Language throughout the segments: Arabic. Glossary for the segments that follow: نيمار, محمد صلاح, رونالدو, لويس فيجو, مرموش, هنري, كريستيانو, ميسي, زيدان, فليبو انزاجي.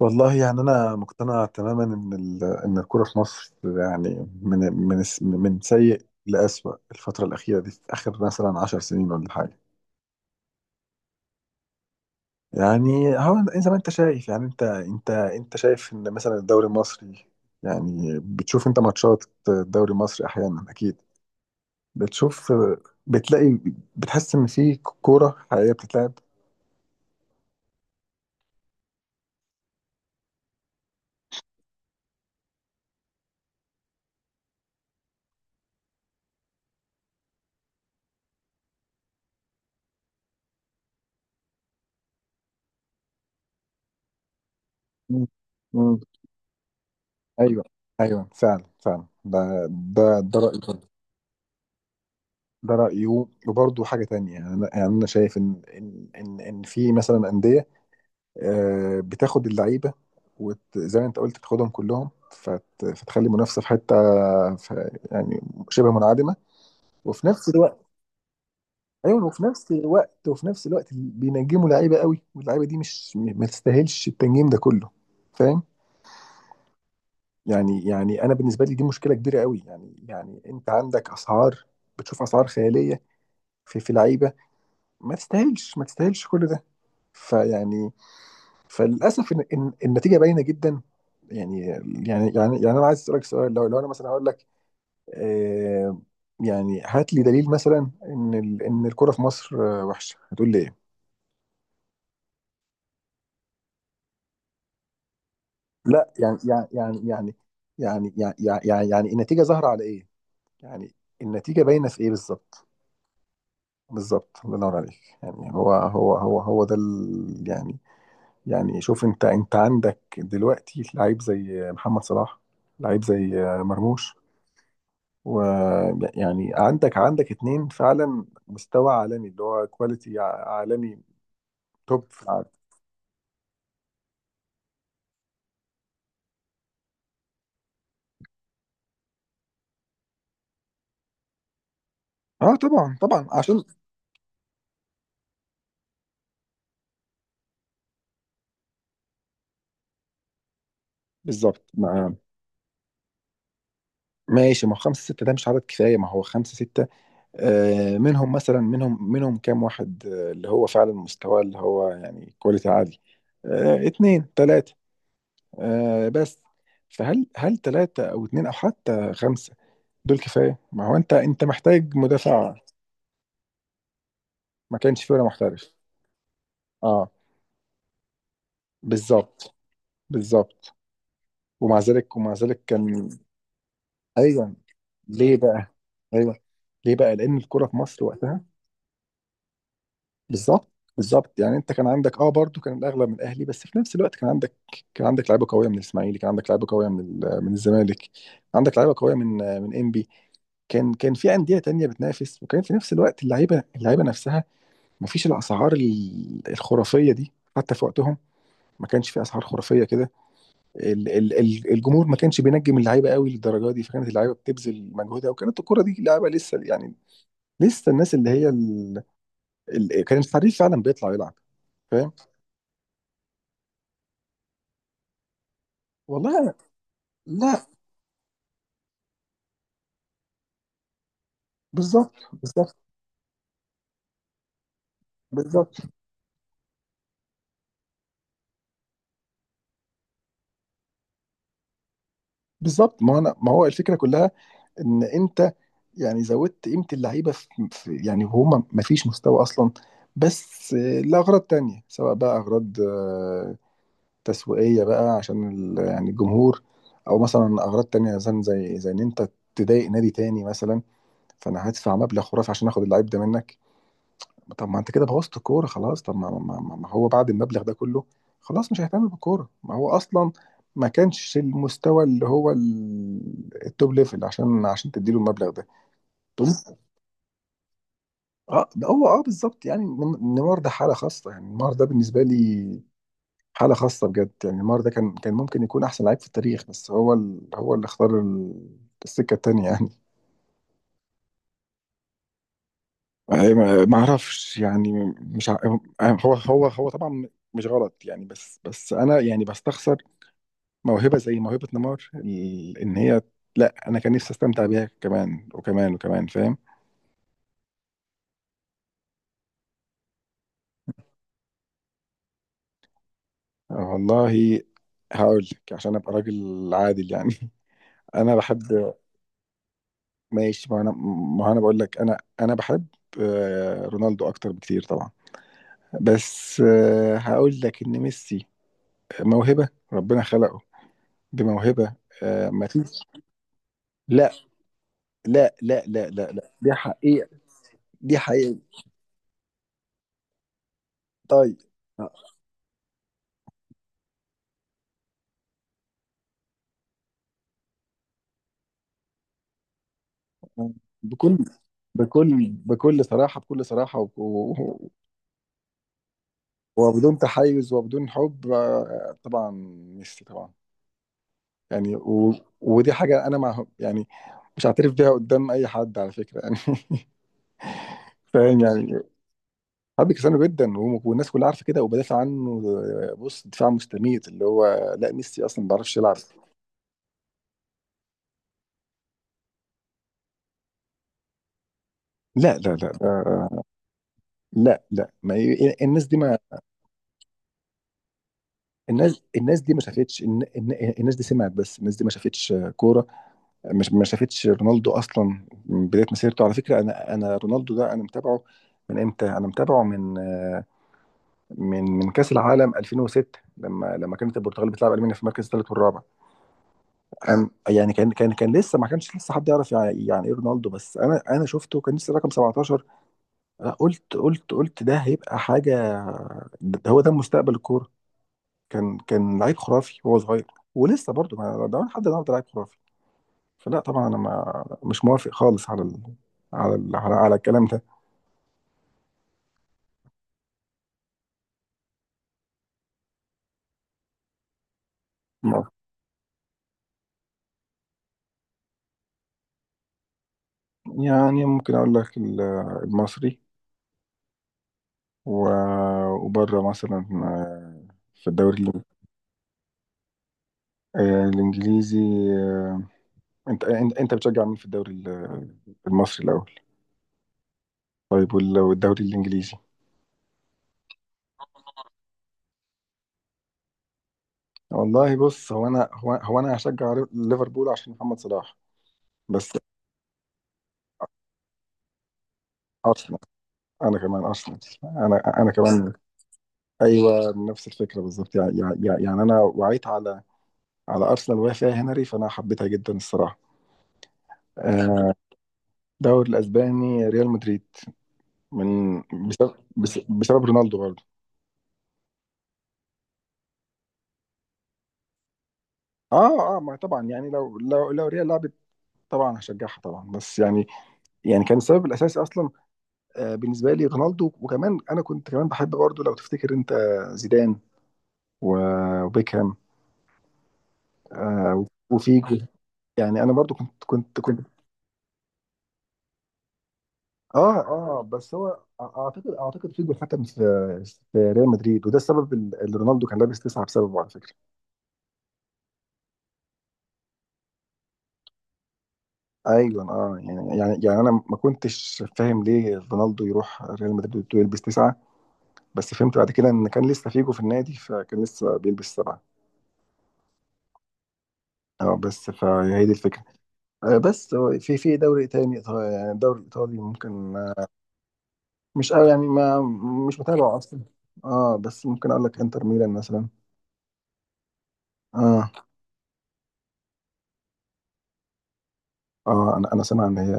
والله يعني أنا مقتنع تماما إن إن الكورة في مصر يعني من سيء لأسوأ الفترة الأخيرة دي، في آخر مثلا 10 سنين ولا حاجة. يعني هو زي ما أنت شايف، يعني أنت شايف إن مثلا الدوري المصري، يعني بتشوف أنت ماتشات الدوري المصري أحيانا؟ أكيد بتشوف، بتلاقي، بتحس إن في كورة حقيقية بتتلعب. مم. مم. أيوه، أيوه، فعلا، فعلا، ده رأيي. ده رأيه. وبرضه حاجة تانية، يعني أنا، يعني أنا شايف إن في مثلا أندية، بتاخد اللعيبة، وزي ما أنت قلت بتاخدهم كلهم، فتخلي المنافسة في حتة، ف- يعني شبه منعدمة. وفي نفس الوقت، أيوه، وفي نفس الوقت بينجموا لعيبة قوي، واللعيبة دي مش ما تستاهلش التنجيم ده كله. فاهم؟ يعني أنا بالنسبة لي دي مشكلة كبيرة قوي. يعني أنت عندك أسعار، بتشوف أسعار خيالية في لعيبة ما تستاهلش كل ده. فيعني، فللاسف النتيجه باينه جدا. يعني يعني يعني انا عايز اسالك سؤال، لو انا مثلا هقول لك آه يعني هات لي دليل مثلا ان الكوره في مصر وحشه، هتقول لي ايه؟ لا، يعني يعني النتيجه ظاهره على ايه؟ يعني النتيجه باينه في ايه بالظبط؟ بالظبط، الله ينور عليك. يعني هو ده يعني، يعني شوف، انت عندك دلوقتي لعيب زي محمد صلاح، لعيب زي مرموش، ويعني عندك اتنين فعلا مستوى عالمي، اللي هو كواليتي عالمي، توب في العالم. اه طبعا، طبعا عشان. بالظبط. ماشي، ما هو خمسة ستة ده مش عدد كفاية. ما هو خمسة ستة، منهم مثلا منهم كام واحد اللي هو فعلا مستوى، اللي هو يعني كواليتي عالي؟ آه، اتنين، تلاتة، بس. فهل تلاتة أو اتنين أو حتى خمسة دول كفاية؟ ما هو أنت محتاج مدافع. ما كانش فيه ولا محترف. اه، بالظبط، بالظبط. ومع ذلك كان. ايوه، ليه بقى؟ ايوه، ليه بقى؟ لان الكرة في مصر وقتها. بالظبط، بالظبط. يعني انت كان عندك برضو كان الاغلب من الاهلي، بس في نفس الوقت كان عندك، كان عندك لعيبه قويه من الاسماعيلي، كان عندك لعيبه قويه من من الزمالك، عندك لعيبه قويه من انبي. كان في انديه تانية بتنافس، وكان في نفس الوقت اللعيبه نفسها، ما فيش الاسعار الخرافيه دي حتى في وقتهم. ما كانش في اسعار خرافيه كده. الجمهور ما كانش بينجم اللعيبه قوي للدرجه دي، فكانت اللعيبه بتبذل مجهودها، وكانت الكره دي لعيبه لسه يعني، لسه الناس اللي هي كان الحريف فعلا بيطلع يلعب. فاهم؟ والله أنا... لا، بالظبط، بالظبط، بالظبط، بالظبط. ما هو الفكره كلها، ان انت يعني زودت قيمه اللعيبه في يعني، وهم ما فيش مستوى اصلا. بس لاغراض تانية، سواء بقى اغراض تسويقية بقى عشان يعني الجمهور، او مثلا اغراض تانية مثلا زي ان انت تضايق نادي تاني مثلا، فانا هدفع مبلغ خرافي عشان اخد اللعيب ده منك. طب ما انت كده بوظت الكورة خلاص. طب ما هو بعد المبلغ ده كله، خلاص مش هيهتم بالكورة. ما هو اصلا ما كانش المستوى اللي هو التوب ليفل عشان تديله المبلغ ده. تقوم- اه، ده هو، اه، بالظبط. يعني نيمار ده حالة خاصة. يعني نيمار ده بالنسبة لي حالة خاصة بجد. يعني نيمار ده كان ممكن يكون أحسن لعيب في التاريخ، بس هو هو اللي اختار السكة التانية يعني. أي ما أعرفش يعني، مش هو هو طبعا مش غلط يعني، بس أنا يعني بستخسر موهبة، زي موهبة نيمار إن هي. لا، أنا كان نفسي أستمتع بيها كمان وكمان وكمان، فاهم؟ والله هقول لك عشان ابقى راجل عادل يعني. انا بحب. ماشي، ما انا بقول لك، انا بحب رونالدو اكتر بكتير طبعا، بس هقول لك ان ميسي موهبة ربنا خلقه بموهبة. ما فيش. لا، لا، لا، لا، لا، لا، دي حقيقة. دي حقيقة. طيب. آه، آه، بكل بكل بكل صراحة بكل صراحة، وبدون تحيز وبدون حب طبعا ميسي طبعا. يعني ودي حاجة أنا مع يعني، مش هعترف بيها قدام أي حد على فكرة يعني. فاهم يعني؟ حابب كريستيانو جدا، والناس كلها عارفه كده وبدافع عنه. بص دفاع مستميت، اللي هو لا ميسي اصلا ما بيعرفش يلعب. لا، لا، لا، لا، لا، ما ي- الناس دي ما شافتش، الناس دي سمعت بس، الناس دي ما شافتش كوره. مش ما شافتش رونالدو اصلا. من بدايه مسيرته، على فكره، انا رونالدو ده انا متابعه، من امتى انا متابعه؟ من من كاس العالم 2006، لما كانت البرتغال بتلعب المانيا في المركز الثالث والرابع. كان يعني كان لسه، ما كانش لسه حد يعرف يعني، يعني ايه رونالدو، بس انا شفته كان لسه رقم 17. أنا قلت ده هيبقى حاجه، ده هو، ده مستقبل الكوره. كان لعيب خرافي وهو صغير، ولسه برضه، ما ده لحد النهارده لعيب خرافي. فلا طبعا، انا ما مش موافق خالص على الكلام ده. ما- يعني ممكن اقول لك المصري، و... وبره مثلا في الدوري الانجليزي. آه، انت بتشجع مين في الدوري المصري الاول؟ طيب والدوري الانجليزي؟ والله بص، هو انا هو, هو انا هشجع ليفربول عشان محمد صلاح، بس ارسنال. انا كمان ارسنال، انا كمان. ايوه، نفس الفكره بالظبط. يعني انا وعيت على ارسنال وهي فيها هنري، فانا حبيتها جدا الصراحه. آه، الدوري الاسباني ريال مدريد، من بسبب بسبب رونالدو برضه. اه، اه، ما طبعا يعني لو لو ريال لعبت، طبعا هشجعها طبعا، بس يعني كان السبب الاساسي اصلا بالنسبه لي رونالدو. وكمان انا كنت كمان بحب برضه لو تفتكر انت، زيدان وبيكهام آه، وفيجو. يعني انا برضه كنت اه بس هو، اعتقد فيجو اتحكم في في ريال مدريد، وده السبب اللي رونالدو كان لابس 9 بسببه، على فكره. ايوه، اه، يعني انا ما كنتش فاهم ليه رونالدو يروح ريال مدريد ويلبس 9، بس فهمت بعد كده ان كان لسه فيجو في النادي، فكان لسه بيلبس 7. اه، بس فهي دي الفكره. بس هو في دوري تاني، يعني الدوري الإيطالي ممكن، مش قوي يعني، ما مش متابعه أصلا. اه، بس ممكن أقول لك إنتر ميلان مثلا. اه اه أنا سامع إن هي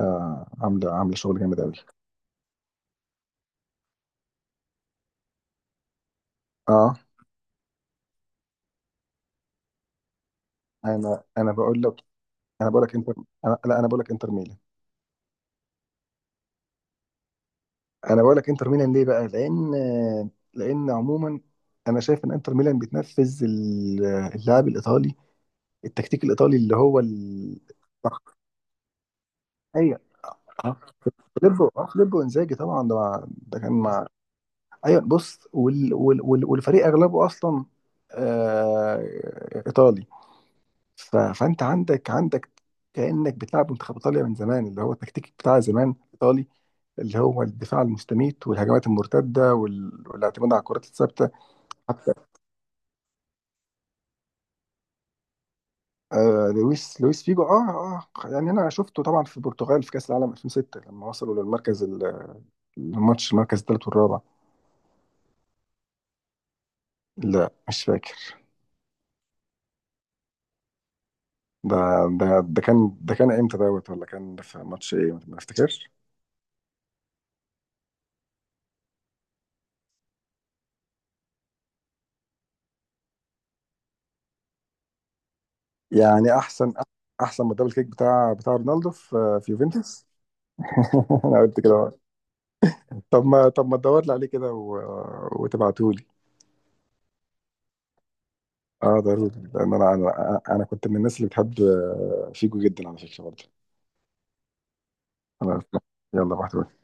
عاملة شغل جامد أوي. اه، أنا أنا بقول لك أنا بقول لك إنتر. لا، أنا بقول لك إنتر ميلان، أنا بقول لك إنتر ميلان ليه بقى؟ لأن عموما أنا شايف إن إنتر ميلان بتنفذ اللعب الإيطالي، التكتيك الإيطالي اللي هو أيوه. آه. فليبو انزاجي طبعا، ده مع، ده كان مع. ايوه بص، والفريق اغلبه اصلا آه... ايطالي. فانت عندك كانك بتلعب منتخب ايطاليا من زمان، اللي هو التكتيك بتاع زمان ايطالي، اللي هو الدفاع المستميت والهجمات المرتده والاعتماد على الكرات الثابته حتى. لويس فيجو، يعني انا شفته طبعا في البرتغال في كاس العالم 2006 لما وصلوا للمركز الماتش، المركز الثالث والرابع. لا مش فاكر. ده ده كان، ده كان امتى دوت، ولا كان في ماتش ايه، ما افتكرش. يعني احسن ما الدبل كيك بتاع رونالدو في يوفنتوس. انا قلت كده أهو. طب ما تدور لي عليه كده وتبعته لي. اه ضروري، لان انا انا كنت من الناس اللي بتحب فيجو جدا، على فكره برضه. انا يلا بعته.